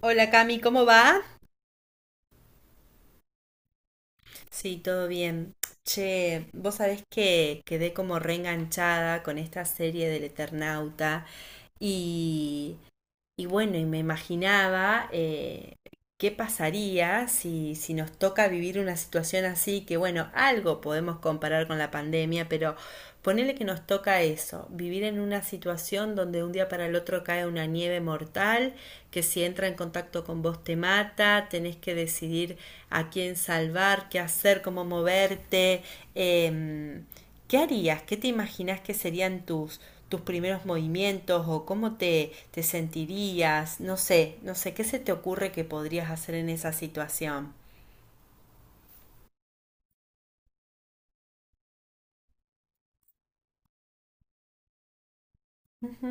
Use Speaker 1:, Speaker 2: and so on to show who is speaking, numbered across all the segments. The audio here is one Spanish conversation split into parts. Speaker 1: Hola Cami, ¿cómo va? Sí, todo bien. Che, vos sabés que quedé como reenganchada con esta serie del Eternauta y y bueno, y me imaginaba qué pasaría si nos toca vivir una situación así, que bueno, algo podemos comparar con la pandemia, pero ponele que nos toca eso, vivir en una situación donde un día para el otro cae una nieve mortal, que si entra en contacto con vos te mata, tenés que decidir a quién salvar, qué hacer, cómo moverte. em, ¿Qué harías? ¿Qué te imaginas que serían tus, tus primeros movimientos o cómo te, te sentirías? No sé, no sé, ¿qué se te ocurre que podrías hacer en esa situación? Ujú.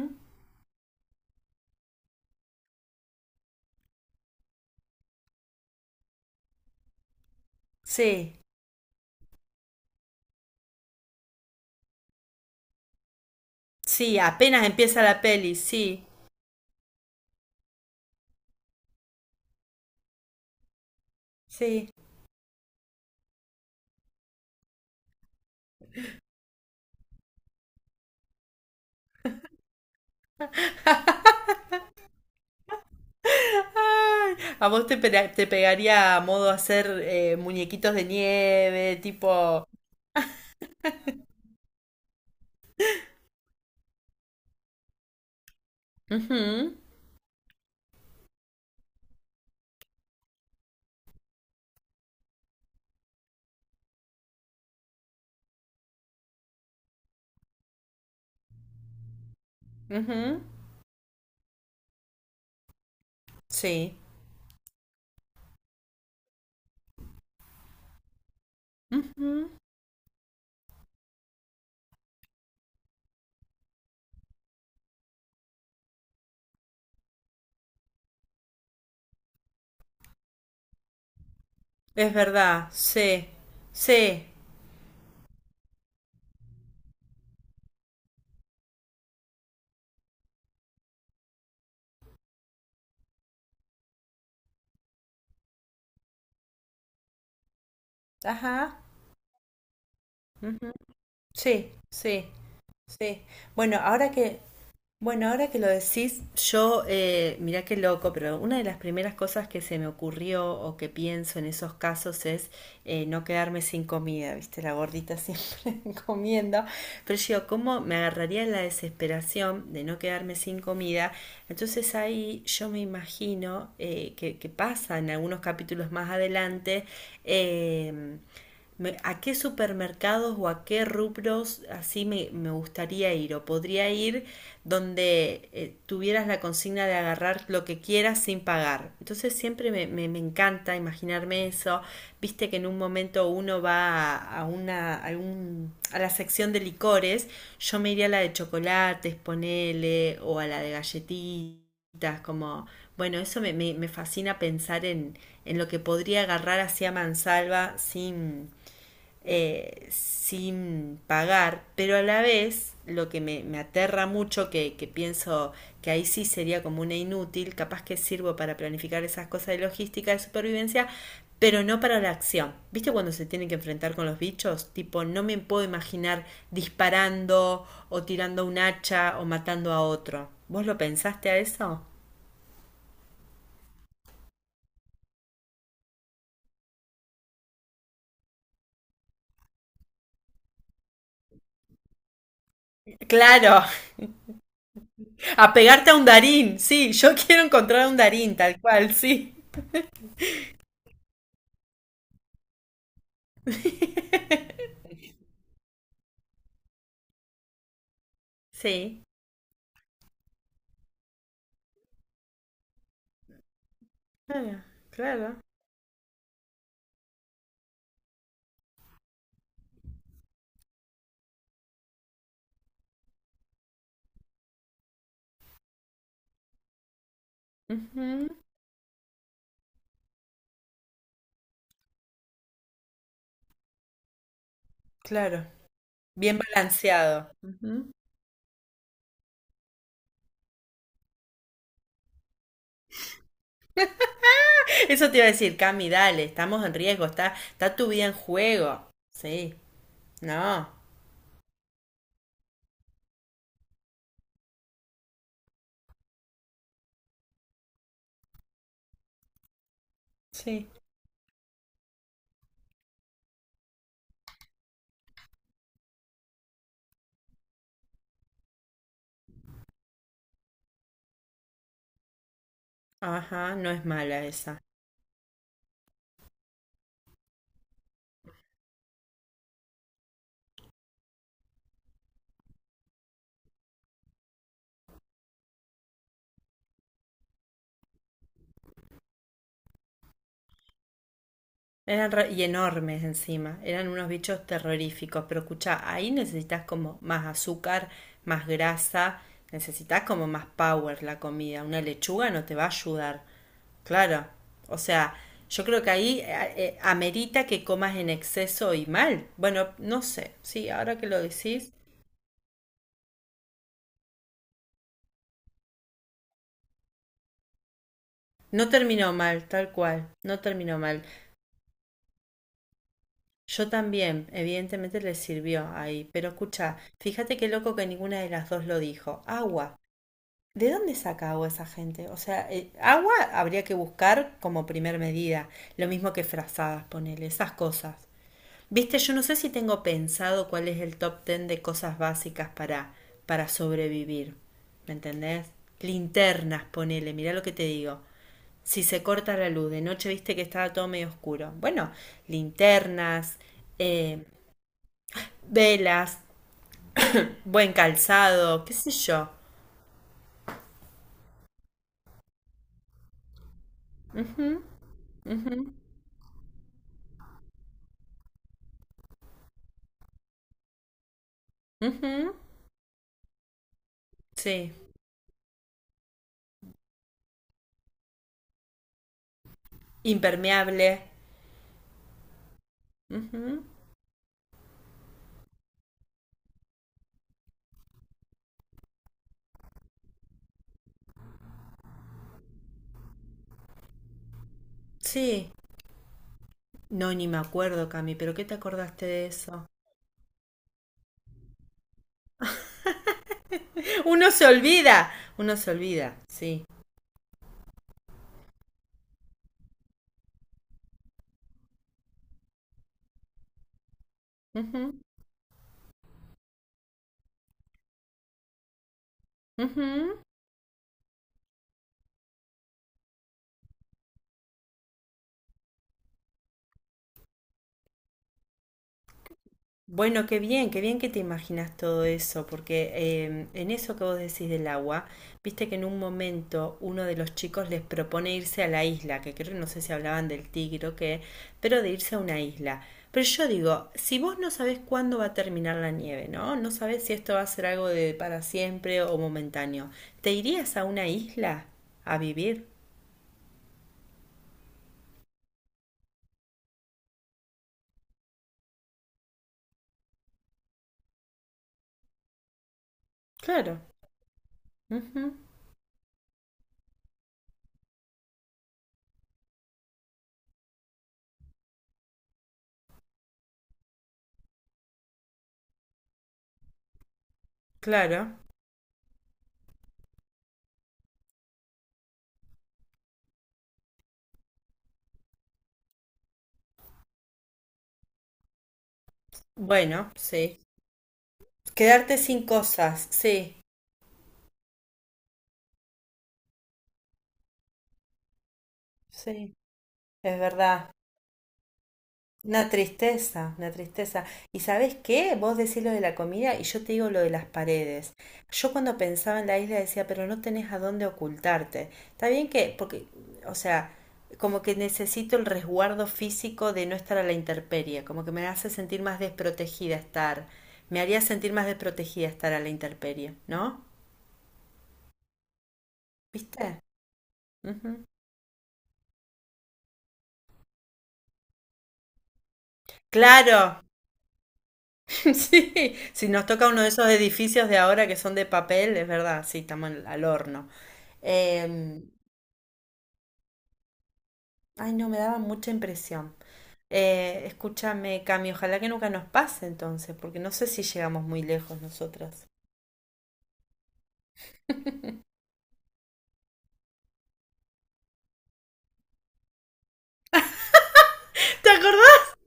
Speaker 1: Sí, sí, apenas empieza la peli, sí, sí. Ay, a vos te, te pegaría a modo hacer muñequitos de nieve, tipo. Ujú, ujú, sí. Ujú. Es verdad, sí, sí. Ajá. Sí, sí, sí. Bueno, ahora que, bueno, ahora que lo decís, yo, mirá qué loco, pero una de las primeras cosas que se me ocurrió o que pienso en esos casos es no quedarme sin comida, ¿viste? La gordita siempre comiendo. Pero yo, ¿cómo me agarraría la desesperación de no quedarme sin comida? Entonces ahí yo me imagino que pasa en algunos capítulos más adelante. em, ¿A qué supermercados o a qué rubros así me, gustaría ir? ¿O podría ir donde tuvieras la consigna de agarrar lo que quieras sin pagar? Entonces siempre me, me encanta imaginarme eso. Viste que en un momento uno va a una, a la sección de licores, yo me iría a la de chocolates, ponele, o a la de galletitas, como. Bueno, eso me, me fascina pensar en lo que podría agarrar hacia mansalva sin, sin pagar, pero a la vez lo que me aterra mucho, que pienso que ahí sí sería como una inútil, capaz que sirvo para planificar esas cosas de logística, de supervivencia, pero no para la acción. ¿Viste cuando se tienen que enfrentar con los bichos? Tipo, no me puedo imaginar disparando o tirando un hacha o matando a otro. ¿Vos lo pensaste a eso? Claro, a pegarte a un Darín, sí, yo quiero encontrar a un Darín, tal cual, sí. Sí, claro, claro. Ujú, claro, bien balanceado. Ujú. Eso te iba a decir, Cami, dale, estamos en riesgo, está, está tu vida en juego. Sí, no, sí. Ajá, no es mala esa. Y enormes encima, eran unos bichos terroríficos, pero escuchá, ahí necesitas como más azúcar, más grasa, necesitas como más power la comida, una lechuga no te va a ayudar, claro, o sea, yo creo que ahí amerita que comas en exceso y mal, bueno, no sé, sí, ahora que lo decís, no terminó mal, tal cual, no terminó mal. Yo también, evidentemente le sirvió ahí, pero escucha, fíjate qué loco que ninguna de las dos lo dijo. Agua. ¿De dónde saca agua esa gente? O sea, agua habría que buscar como primer medida, lo mismo que frazadas, ponele, esas cosas. Viste, yo no sé si tengo pensado cuál es el top ten de cosas básicas para sobrevivir. ¿Me entendés? Linternas, ponele, mirá lo que te digo. Si se corta la luz, de noche viste que estaba todo medio oscuro. Bueno, linternas, eh, velas, buen calzado, qué sé yo. Ujú, sí, impermeable. Ujú. Sí. No, ni me acuerdo, Cami, pero ¿qué te acordaste de eso? Uno se olvida, uno se olvida, sí. Ujú, ujú. Bueno, qué bien que te imaginas todo eso, porque en eso que vos decís del agua, viste que en un momento uno de los chicos les propone irse a la isla, que creo, no sé si hablaban del tigre o qué, pero de irse a una isla. Pero yo digo, si vos no sabés cuándo va a terminar la nieve, ¿no? No sabés si esto va a ser algo de para siempre o momentáneo, ¿te irías a una isla a vivir? Claro, ujú, claro. Bueno, sí. Quedarte sin cosas, sí, sí. Es verdad, una tristeza, una tristeza. ¿Y sabés qué? Vos decís lo de la comida y yo te digo lo de las paredes. Yo cuando pensaba en la isla decía, pero no tenés a dónde ocultarte. Está bien que, porque, o sea, como que necesito el resguardo físico de no estar a la intemperie, como que me hace sentir más desprotegida estar, me haría sentir más desprotegida estar a la intemperie, ¿no? ¿Viste? Ujú. Claro. Sí, si nos toca uno de esos edificios de ahora que son de papel, es verdad, sí, estamos al horno. Eh, ay, no, me daba mucha impresión. Escúchame, Cami, ojalá que nunca nos pase entonces, porque no sé si llegamos muy lejos nosotras. ¿Te acordás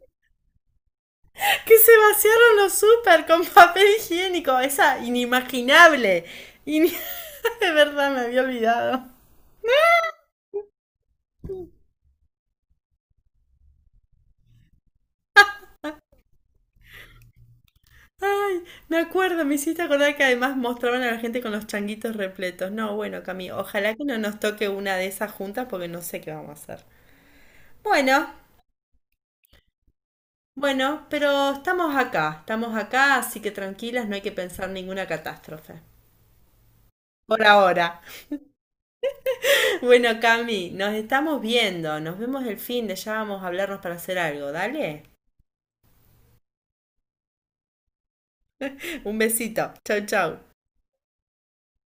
Speaker 1: que se vaciaron los súper con papel higiénico? Esa inimaginable. Y de verdad me había olvidado. Ay, me acuerdo, me hiciste acordar que además mostraban a la gente con los changuitos repletos. No, bueno, Cami, ojalá que no nos toque una de esas juntas porque no sé qué vamos a hacer. Bueno, bueno, pero estamos acá, así que tranquilas, no hay que pensar ninguna catástrofe. Por ahora. Bueno, Cami, nos estamos viendo, nos vemos el fin de, ya vamos a hablarnos para hacer algo, dale. Un besito, chau, chau.